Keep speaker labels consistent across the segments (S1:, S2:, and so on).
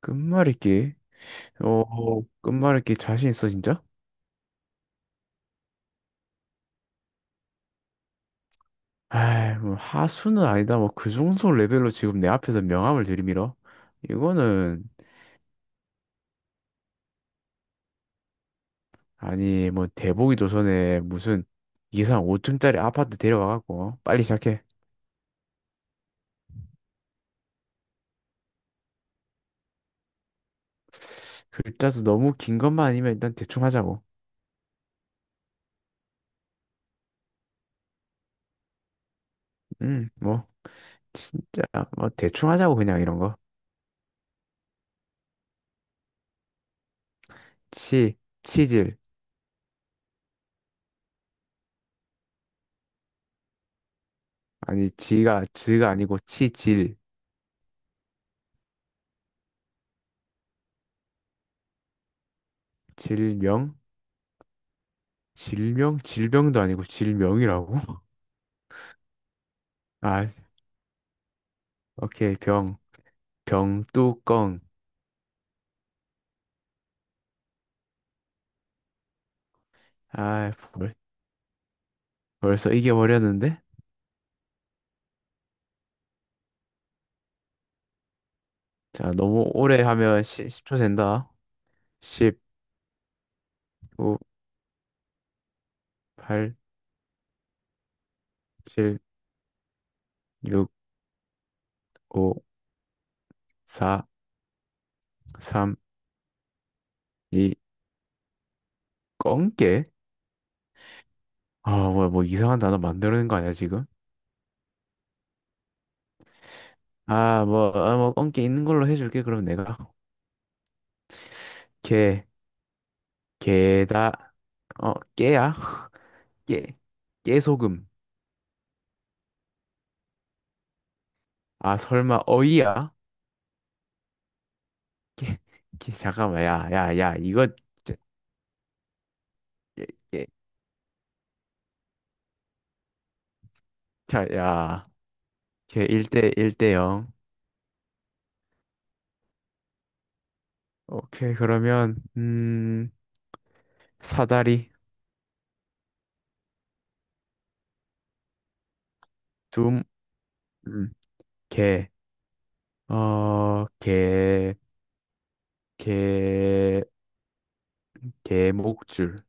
S1: 끝말잇기? 어, 끝말잇기 자신 있어, 진짜? 에이, 뭐 하수는 아니다. 뭐 그 정도 레벨로 지금 내 앞에서 명함을 들이밀어? 이거는, 아니, 뭐 대보기 조선에 무슨 이상 5층짜리 아파트 데려와갖고 빨리 시작해. 글자도 너무 긴 것만 아니면 일단 대충 하자고. 뭐, 진짜, 뭐 대충 하자고 그냥 이런 거. 치, 치질. 아니, 지가 아니고 치질. 질명? 질명? 질병도 아니고 질명이라고? 아, 오케이, 병, 병뚜껑. 아, 벌, 벌써 이겨버렸는데? 자, 너무 오래 하면 10, 초 된다. 10, 9, 8, 7, 6, 5, 4, 3, 2, 꽁깨? 아, 뭐야, 뭐 이상한 단어 만드는 거 아니야, 지금? 아, 뭐, 아, 뭐, 꽁깨 있는 걸로 해줄게, 그럼 내가. 게, 게다, 어, 깨야? 깨, 깨소금. 아, 설마, 어이야? 깨, 깨, 잠깐만, 야, 야, 야, 이거, 자, 야, 걔 1대 1대 0. 오케이, 그러면 사다리 둠, 음, 개, 어, 개, 개, 개목줄,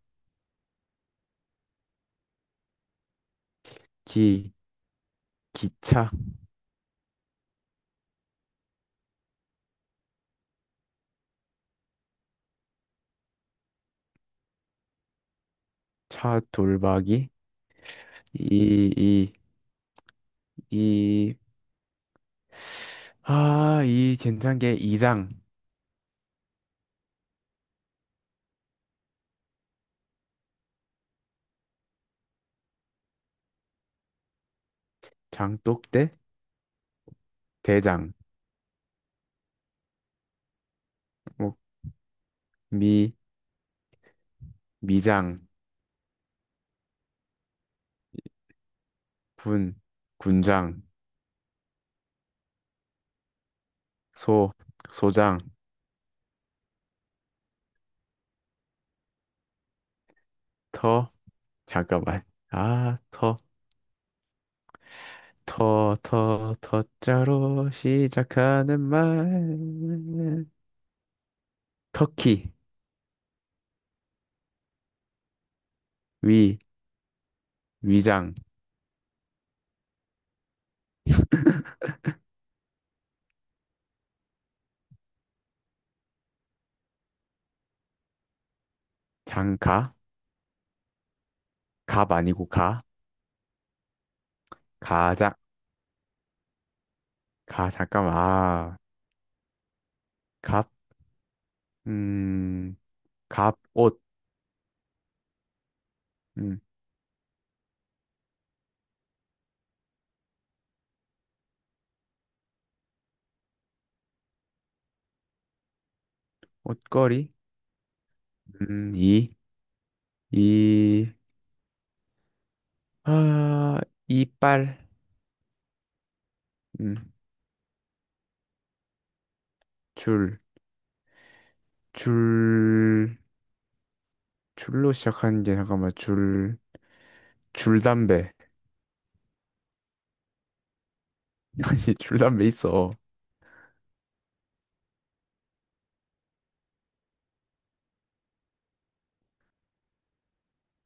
S1: 기, 기차, 차 돌박이, 이, 이, 이, 아, 이 괜찮게 이장, 장독대, 대장, 뭐, 미, 미장, 군, 군장, 소, 소장, 터, 잠깐만. 아, 터자로 시작하는 말. 터키, 위, 위장, 장 가, 갑 아니고 가, 가장, 가, 잠깐만. 아, 갑, 음, 갑, 옷, 음, 옷걸이, 이, 이, 아, 이빨, 음, 줄, 줄, 줄로 시작하는 게 잠깐만, 줄, 줄담배. 아니, 줄담배 있어.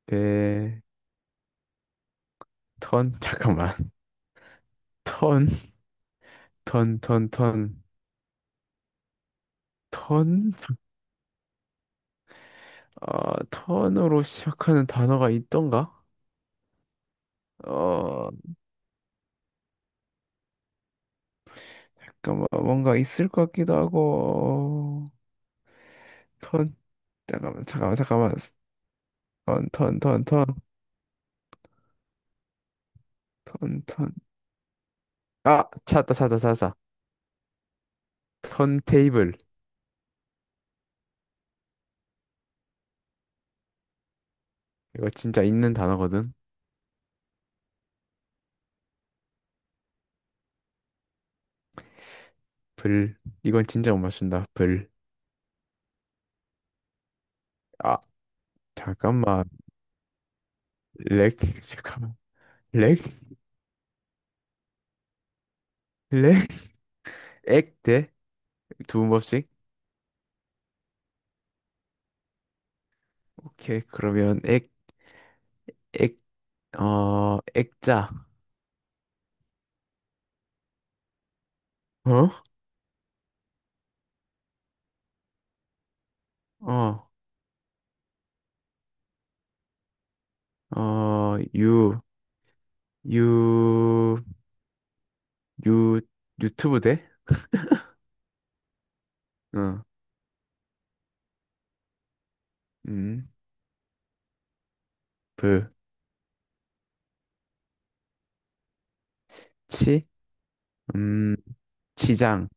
S1: 배, 턴, 잠깐만. 턴, 턴, 턴? 잠- 아, 턴으로 시작하는 단어가 있던가? 어, 잠깐만, 뭔가 있을 것 같기도 하고, 턴, 잠깐만. 턴, 턴, 턴, 턴, 턴. 아, 찾았다, 찾았다, 찾았다. 턴 테이블. 이거 진짜 있는 단어거든. 불. 이건 진짜 못 맞춘다. 불. 아, 잠깐만. 렉, 잠깐만. 렉, 렉, 액, 대. 두 번씩? 오케이. 그러면 액, 어, 액자. 어? 어, 어, 유, 유, 유튜브 대? 응, 음, 브, 치, 음, 치장.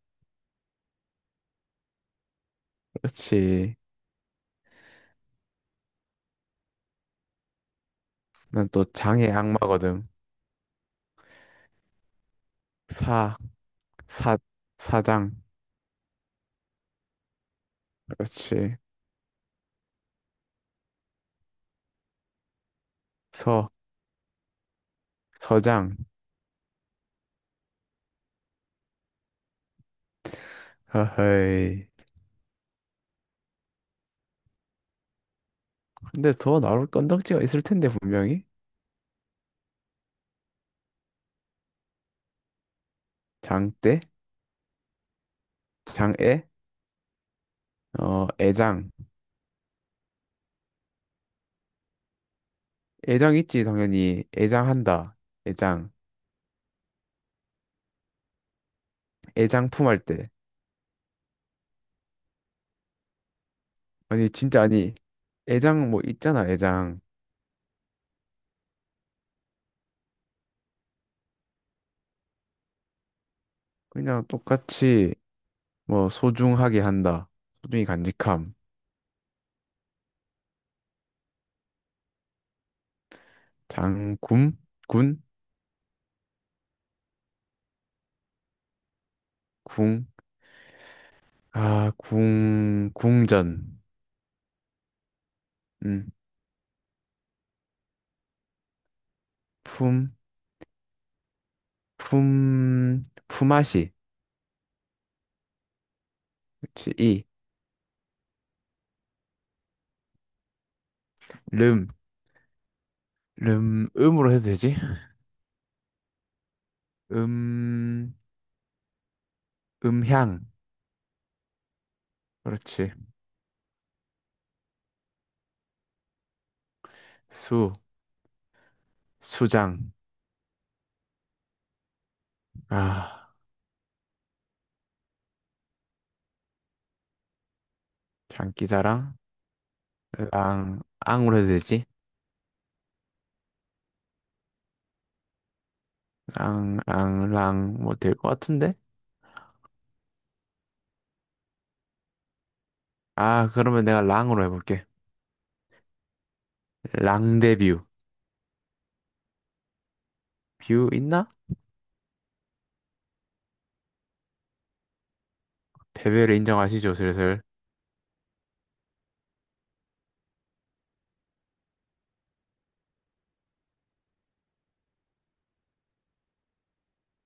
S1: 그렇지. 난 또 장의 악마거든. 사, 사, 사장. 그렇지. 서, 서장. 허허이. 근데 더 나올 건덕지가 있을 텐데, 분명히. 장대, 장애, 어, 애장. 애장 있지, 당연히. 애장한다. 애장. 애장 품할 때. 아니, 진짜 아니. 애장 뭐 있잖아, 애장. 그냥 똑같이 뭐 소중하게 한다. 소중히 간직함. 장군? 군? 궁? 아, 궁, 궁전. 음. 품, 품, 품앗이. 그치, 이. 름, 름, 음으로 해도 되지? 음, 음향. 그렇지. 수, 수장. 아. 장기자랑 랑 앙으로 해도 되지? 랑랑랑뭐 될 것 같은데? 아 그러면 내가 랑으로 해볼게. 랑데뷰 뷰뷰 있나? 패배를 인정하시죠 슬슬.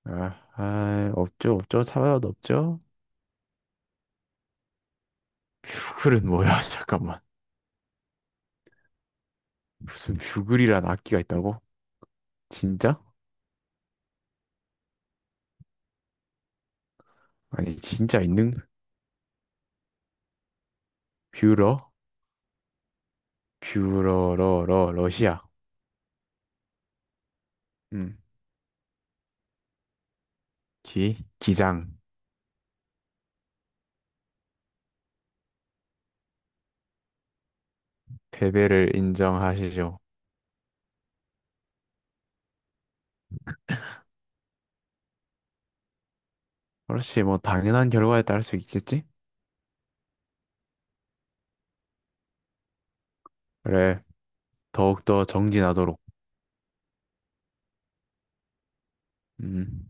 S1: 아, 아 없죠 없죠 사과도 없죠. 뷰글은 뭐야 잠깐만 무슨 뷰글이란 악기가 있다고? 진짜? 아니 진짜 있는? 뷰러 뷰러러러 러시아. 음. 기 기장 패배를 인정하시죠. 그렇지 뭐 당연한 결과에 따를 수 있겠지? 그래, 더욱더 정진하도록. 음.